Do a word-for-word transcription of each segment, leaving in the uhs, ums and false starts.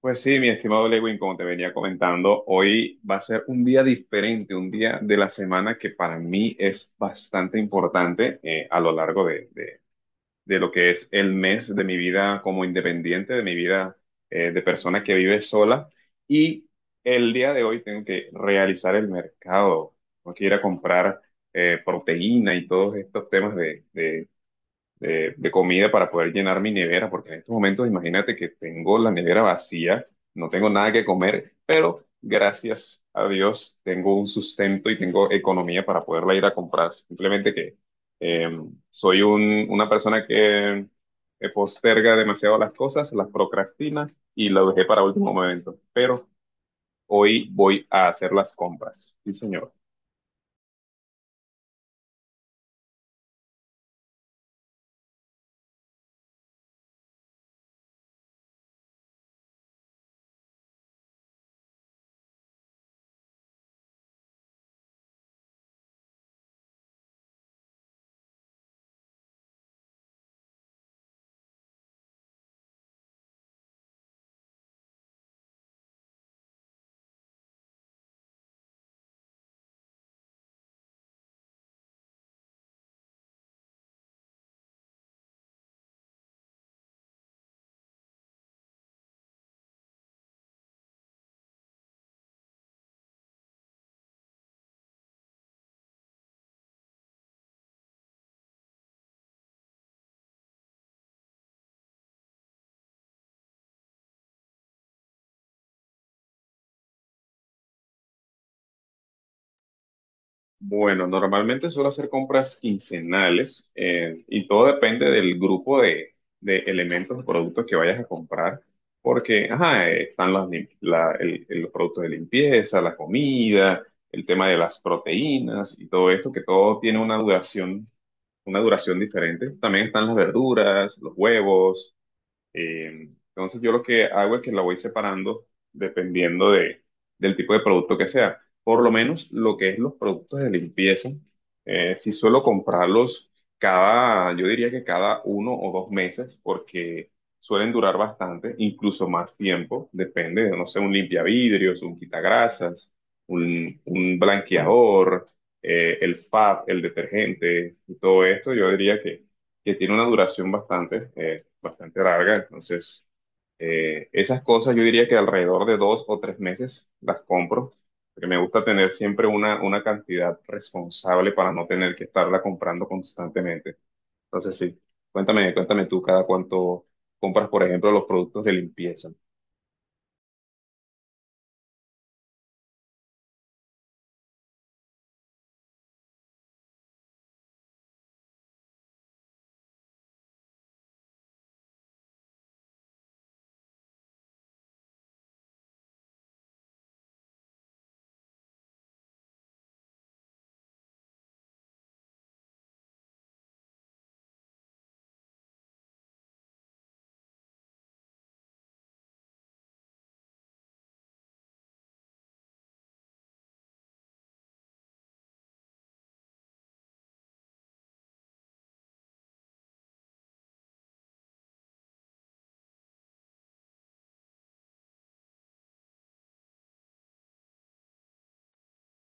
Pues sí, mi estimado Lewin, como te venía comentando, hoy va a ser un día diferente, un día de la semana que para mí es bastante importante, eh, a lo largo de, de- de lo que es el mes de mi vida como independiente, de mi vida eh, de persona que vive sola. Y el día de hoy tengo que realizar el mercado, tengo que ir a comprar eh, proteína y todos estos temas de, de comida para poder llenar mi nevera, porque en estos momentos imagínate que tengo la nevera vacía, no tengo nada que comer, pero gracias a Dios tengo un sustento y tengo economía para poderla ir a comprar. Simplemente que eh, soy un- una persona que eh, posterga demasiado las cosas, las procrastina y lo dejé para último momento, pero hoy voy a hacer las compras. Sí, señor. Bueno, normalmente suelo hacer compras quincenales, eh, y todo depende del grupo de, de elementos o productos que vayas a comprar, porque ajá, eh, están las lim- la- el- el- los productos de limpieza, la comida, el tema de las proteínas y todo esto, que todo tiene una duración, una duración diferente. También están las verduras, los huevos. Eh, entonces yo lo que hago es que la voy separando dependiendo de, del tipo de producto que sea. Por lo menos lo que es los productos de limpieza, eh, sí suelo comprarlos cada, yo diría que cada uno o dos meses porque suelen durar bastante, incluso más tiempo, depende de, no sé, un limpiavidrios, un quitagrasas, un, un blanqueador, eh, el F A B, el detergente y todo esto, yo diría que, que tiene una duración bastante, eh, bastante larga. Entonces, eh, esas cosas yo diría que alrededor de dos o tres meses las compro, porque me gusta tener siempre una, una cantidad responsable para no tener que estarla comprando constantemente. Entonces, sí, cuéntame, cuéntame tú cada cuánto compras, por ejemplo, los productos de limpieza.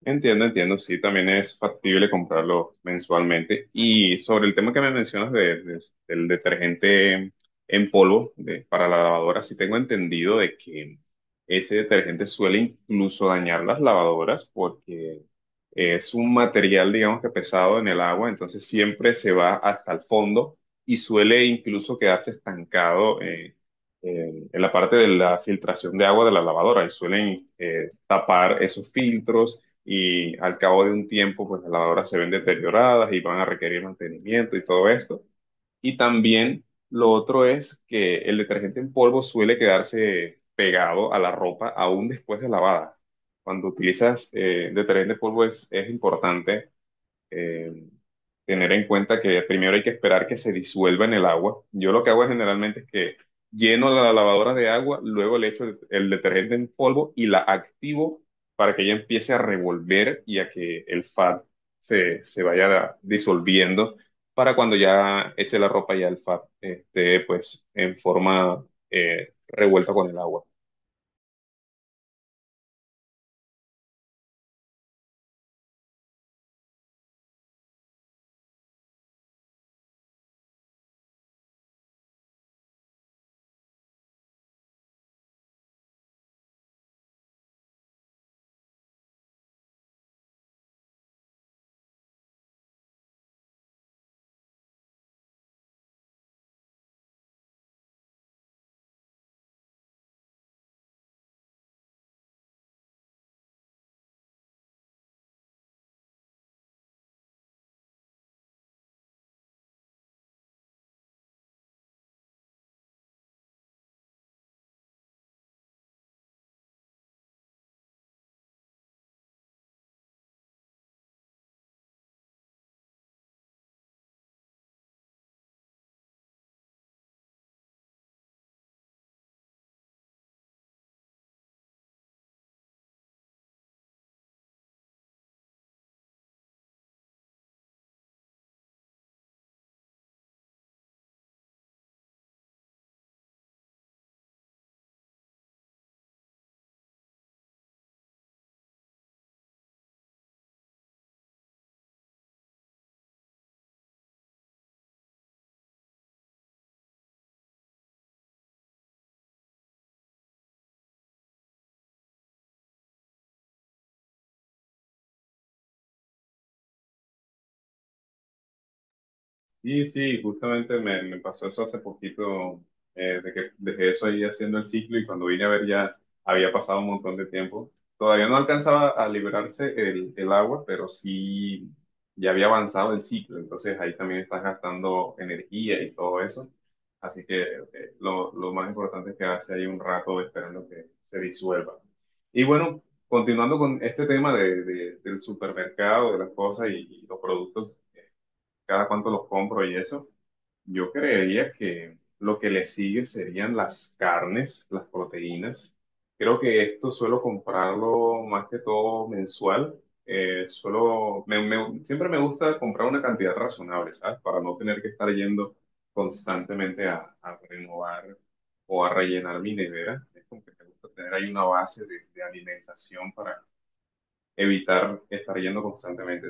Entiendo, entiendo, sí, también es factible comprarlo mensualmente. Y sobre el tema que me mencionas de- de- del detergente en polvo de- para la lavadora, sí tengo entendido de que ese detergente suele incluso dañar las lavadoras porque es un material, digamos que pesado en el agua, entonces siempre se va hasta el fondo y suele incluso quedarse estancado, eh, eh, en la parte de la filtración de agua de la lavadora y suelen eh, tapar esos filtros y al cabo de un tiempo, pues las lavadoras se ven deterioradas y van a requerir mantenimiento y todo esto. Y también lo otro es que el detergente en polvo suele quedarse pegado a la ropa aún después de lavada. Cuando utilizas eh, detergente en polvo es, es importante eh, tener en cuenta que primero hay que esperar que se disuelva en el agua. Yo lo que hago generalmente es que lleno la lavadora de agua, luego le echo el, el detergente en polvo y la activo para que ella empiece a revolver y a que el fat se, se vaya disolviendo para cuando ya eche la ropa ya el fat esté pues en forma, eh, revuelta con el agua. Y sí, justamente me, me pasó eso hace poquito, eh, de que dejé eso ahí haciendo el ciclo y cuando vine a ver ya había pasado un montón de tiempo. Todavía no alcanzaba a liberarse el, el agua, pero sí ya había avanzado el ciclo, entonces ahí también estás gastando energía y todo eso. Así que eh, lo, lo más importante es quedarse ahí un rato esperando que se disuelva. Y bueno, continuando con este tema de, de- del supermercado, de las cosas y, y los productos cada cuánto los compro y eso. Yo creería que lo que le sigue serían las carnes, las proteínas. Creo que esto suelo comprarlo más que todo mensual. Eh, suelo, me- me- siempre me gusta comprar una cantidad razonable, ¿sabes? Para no tener que estar yendo constantemente a, a renovar o a rellenar mi nevera. Es como que me gusta tener ahí una base de, de alimentación para evitar estar yendo constantemente.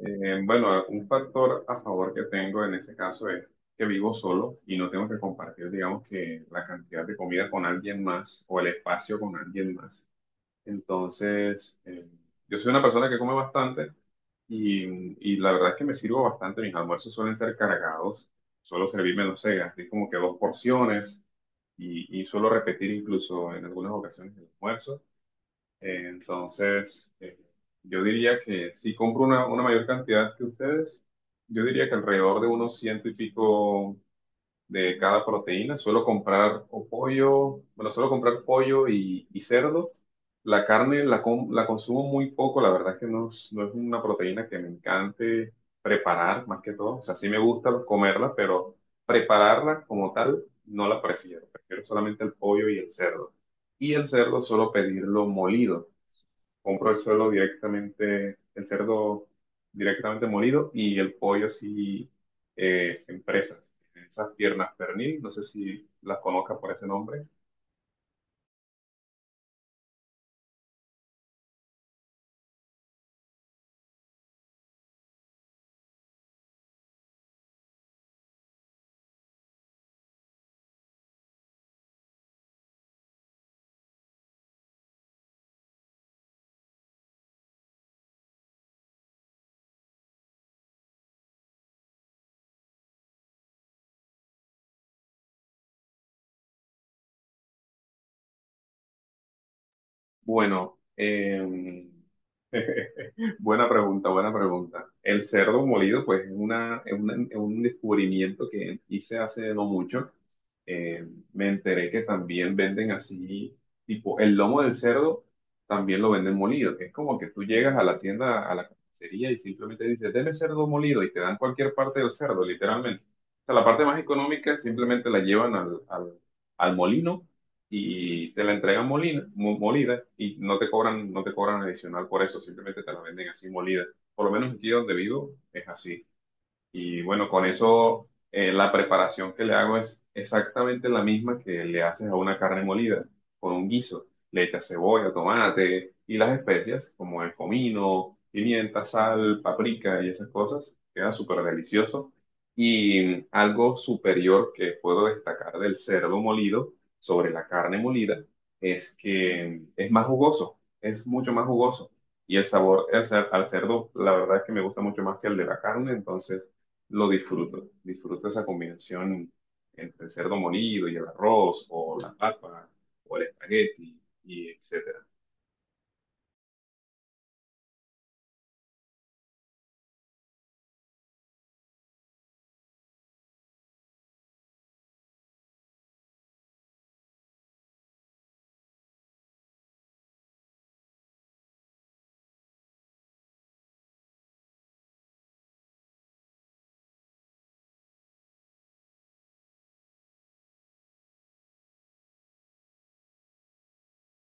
Eh, bueno, un factor a favor que tengo en ese caso es que vivo solo y no tengo que compartir, digamos, que la cantidad de comida con alguien más o el espacio con alguien más. Entonces, eh, yo soy una persona que come bastante y, y la verdad es que me sirvo bastante. Mis almuerzos suelen ser cargados, suelo servirme, no sé, así como que dos porciones y, y suelo repetir incluso en algunas ocasiones el almuerzo. Eh, entonces, eh, yo diría que si compro una, una mayor cantidad que ustedes, yo diría que alrededor de unos ciento y pico de cada proteína. Suelo comprar o pollo, bueno, suelo comprar pollo y, y cerdo. La carne la, com- la consumo muy poco, la verdad es que no, es- no es una proteína que me encante preparar más que todo. O sea, sí me gusta comerla, pero prepararla como tal no la prefiero. Prefiero solamente el pollo y el cerdo. Y el cerdo suelo pedirlo molido, compro el suelo directamente, el cerdo directamente molido y el pollo así, eh, en presas. Esas piernas pernil, no sé si las conozcas por ese nombre. Bueno, em, buena pregunta, buena pregunta. El cerdo molido, pues, es una, es una- es un descubrimiento que hice hace no mucho. Eh, Me enteré que también venden así, tipo, el lomo del cerdo también lo venden molido, que es como que tú llegas a la tienda, a la carnicería y simplemente dices, deme cerdo molido y te dan cualquier parte del cerdo, literalmente. O sea, la parte más económica simplemente la llevan al, al, al molino y te la entregan molina, mo- molida y no te cobran, no te cobran adicional por eso, simplemente te la venden así molida. Por lo menos aquí donde vivo es así. Y bueno, con eso, eh, la preparación que le hago es exactamente la misma que le haces a una carne molida, con un guiso. Le echas cebolla, tomate y las especias como el comino, pimienta, sal, paprika y esas cosas. Queda súper delicioso. Y algo superior que puedo destacar del cerdo molido sobre la carne molida es que es más jugoso, es mucho más jugoso. Y el sabor al cer- al cerdo, la verdad es que me gusta mucho más que el de la carne, entonces lo disfruto. Disfruto esa combinación entre el cerdo molido y el arroz, o la papa, o el espagueti, y etcétera